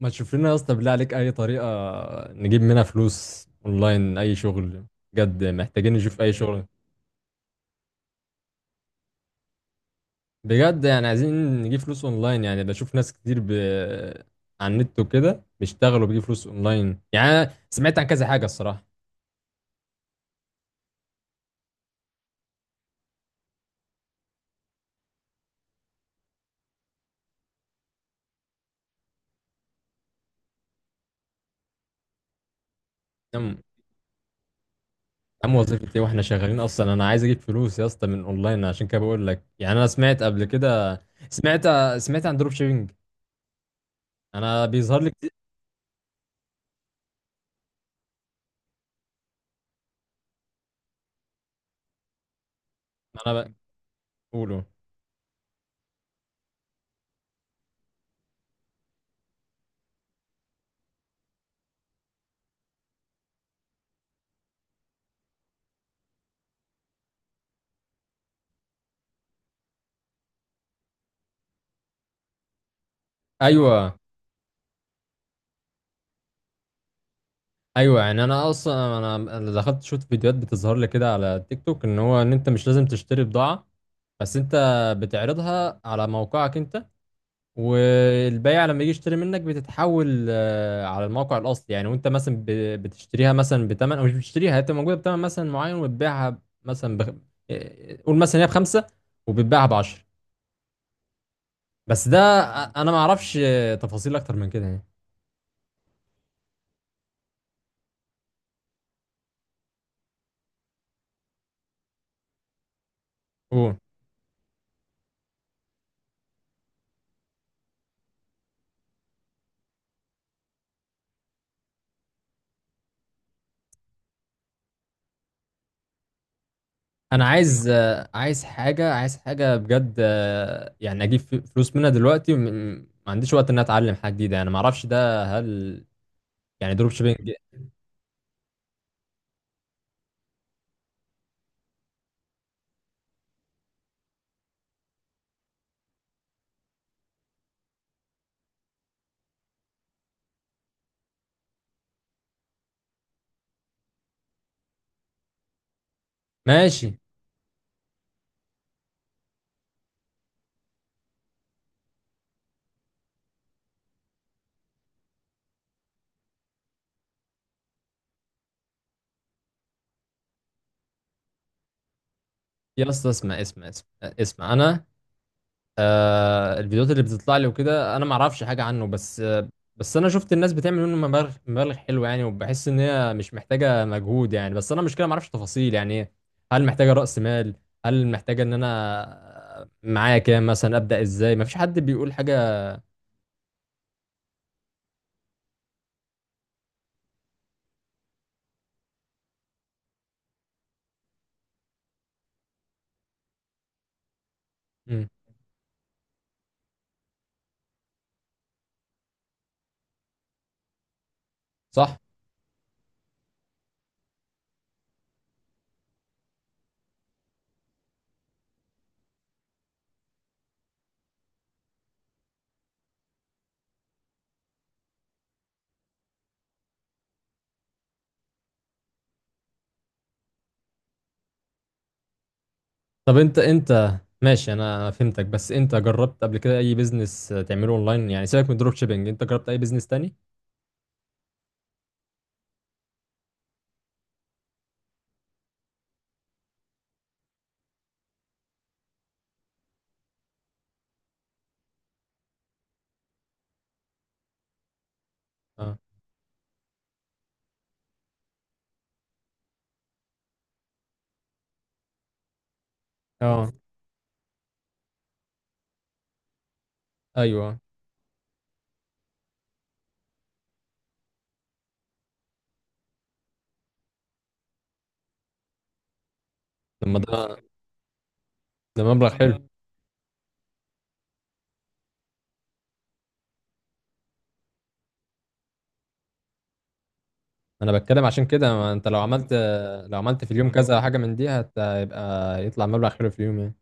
ما تشوف لنا يا اسطى، بالله عليك، اي طريقه نجيب منها فلوس اونلاين، اي شغل؟ بجد محتاجين نشوف اي شغل. بجد يعني عايزين نجيب فلوس اونلاين، يعني بشوف ناس كتير على النت وكده بيشتغلوا، بيجيبوا فلوس اونلاين. يعني أنا سمعت عن كذا حاجه الصراحه. عم. عم، وظيفه ايه واحنا شغالين اصلا؟ انا عايز اجيب فلوس يا اسطى من اونلاين، عشان كده بقول لك. يعني انا سمعت قبل كده، سمعت سمعت عن دروب شيبينج. انا بيظهر لي كتير. انا بقوله. ايوه ايوه، يعني انا اصلا انا دخلت شفت فيديوهات بتظهر لي كده على تيك توك، ان انت مش لازم تشتري بضاعه، بس انت بتعرضها على موقعك انت. والبائع لما يجي يشتري منك بتتحول على الموقع الاصلي يعني. وانت مثلا بتشتريها مثلا بتمن، او مش بتشتريها، هي بتبقى موجوده بتمن مثلا معين، وتبيعها مثلا بخ... آه، قول مثلا هي بخمسه وبتباعها بعشرة. بس ده انا ما اعرفش تفاصيل اكتر من كده. يعني انا عايز حاجه، عايز حاجه بجد يعني اجيب فلوس منها دلوقتي، ما عنديش وقت ان أنا اتعلم حاجه جديده. انا ما اعرفش ده، هل يعني دروب شيبينج ماشي؟ يا اسطى، اسمع اسمع اسمع اسمع، انا الفيديوهات اللي بتطلع لي وكده انا ما اعرفش حاجه عنه. بس انا شفت الناس بتعمل منه مبالغ مبالغ حلوه يعني، وبحس ان هي مش محتاجه مجهود يعني. بس انا المشكله ما اعرفش تفاصيل يعني إيه. هل محتاجه راس مال؟ هل محتاجه ان انا معايا كام مثلا؟ ابدا ازاي؟ ما فيش حد بيقول حاجه. مم. صح. طب، انت ماشي، انا فهمتك. بس انت جربت قبل كده اي بيزنس تعمله اونلاين؟ يعني سيبك من الدروب شيبينج، انت جربت اي بيزنس تاني؟ اه. اه. ايوه. لما ده ده مبلغ حلو. انا بتكلم عشان كده، ما انت لو عملت، في اليوم كذا حاجه من دي هتبقى، يطلع مبلغ حلو في اليوم يعني.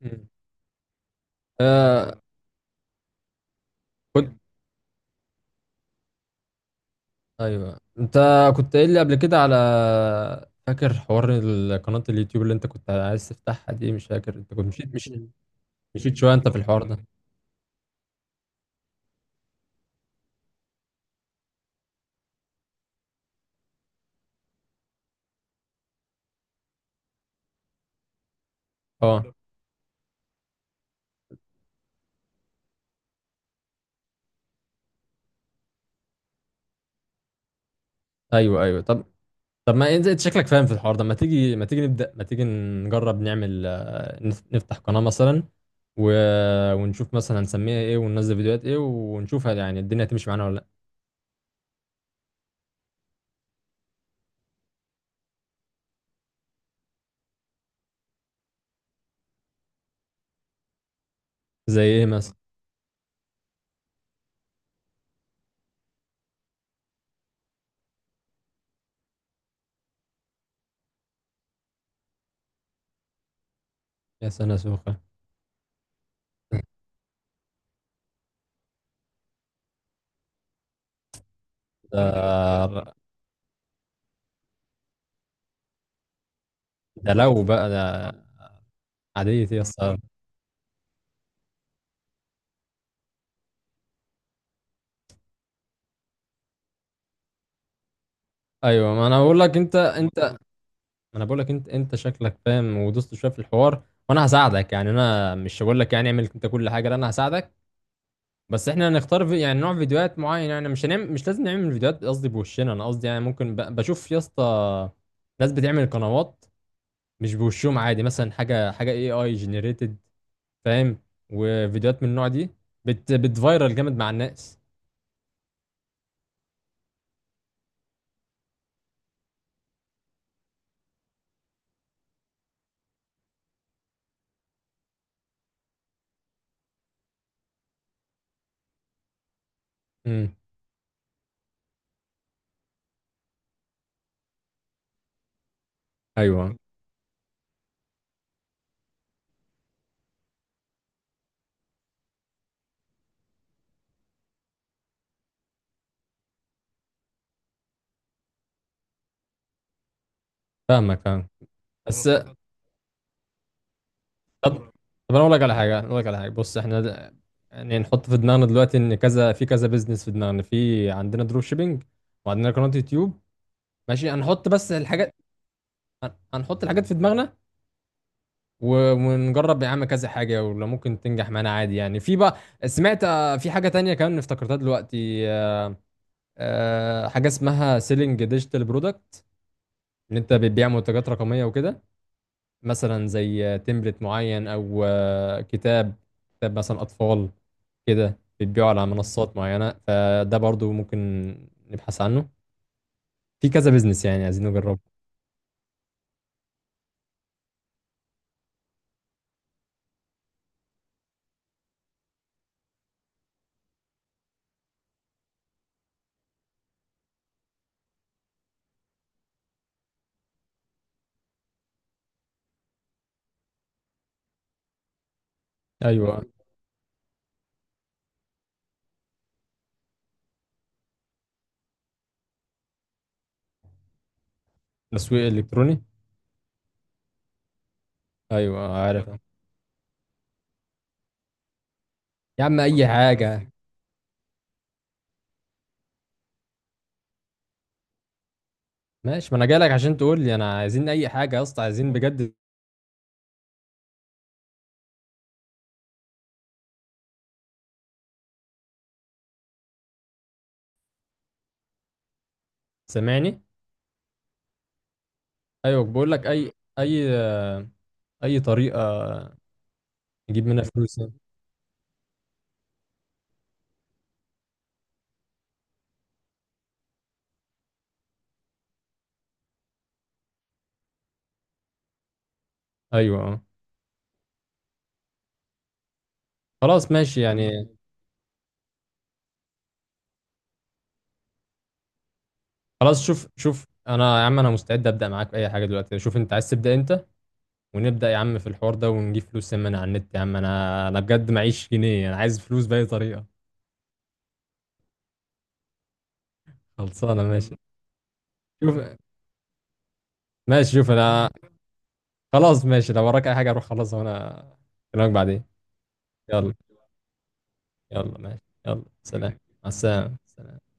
مم. آه. كنت ايوه انت كنت قايل لي قبل كده فاكر حوار قناه اليوتيوب اللي انت كنت عايز تفتحها دي؟ مش فاكر انت كنت مشيت شويه انت في الحوار ده. اه. ايوه ايوه. طب، ما انت شكلك فاهم في الحوار ده، ما تيجي، ما تيجي نبدا، ما تيجي نجرب نعمل نفتح قناه مثلا، و... ونشوف مثلا هنسميها ايه، وننزل فيديوهات ايه، ونشوفها يعني الدنيا هتمشي معانا ولا لا. زي ايه مثلا؟ يا سنه سوخه! ده ده لو بقى ده عاديه يا اسطى. ايوه، ما انا بقول لك انت انت ما انا بقول لك انت شكلك فاهم ودوست شويه في الحوار. وانا هساعدك، يعني انا مش هقول لك يعني اعمل انت كل حاجه، لا، انا هساعدك. بس احنا هنختار يعني نوع فيديوهات معين. يعني مش هنعمل، مش لازم نعمل فيديوهات قصدي بوشنا، انا قصدي يعني ممكن بشوف يا اسطى ناس بتعمل قنوات مش بوشهم عادي، مثلا حاجه حاجه AI جنريتد فاهم، وفيديوهات من النوع دي بتفايرل جامد مع الناس. امم. ايوه فاهمك، فاهم. بس طب طب، انا اقول لك على حاجه، اقول لك على حاجه، بص احنا يعني نحط في دماغنا دلوقتي ان كذا في كذا بيزنس في دماغنا، في عندنا دروب شيبينج، وعندنا قناه يوتيوب، ماشي؟ هنحط بس الحاجات، هنحط الحاجات في دماغنا، ونجرب يا عم كذا حاجة، ولو ممكن تنجح معانا عادي، يعني في بقى. سمعت في حاجة تانية كمان افتكرتها دلوقتي، حاجة اسمها سيلينج ديجيتال برودكت، ان انت بتبيع منتجات رقمية وكده، مثلا زي تمبلت معين، او كتاب مثلا اطفال، كده بتبيعه على منصات معينة. فده برضو ممكن نبحث عنه. في كذا بيزنس يعني عايزين نجربه. ايوه. تسويق الكتروني. ايوه، عارف يا عم. اي حاجة، ماشي، ما انا جايلك عشان تقول لي. انا عايزين اي حاجه يا اسطى، عايزين بجد. سامعني؟ ايوه، بقول لك اي آه، اي طريقه نجيب منها فلوس يعني. ايوه، اه. خلاص ماشي يعني. خلاص، شوف شوف انا يا عم، انا مستعد ابدا معاك في اي حاجه دلوقتي. شوف انت عايز تبدا امتى ونبدا يا عم في الحوار ده، ونجيب فلوس من على النت يا عم. انا بجد معيش جنيه، انا عايز فلوس باي طريقه. خلصانه ماشي. شوف شوف انا، خلاص ماشي، لو وراك اي حاجه روح خلاص، وانا اكلمك بعدين. يلا. يلا ماشي. يلا سلام. مع السلامة، سلام.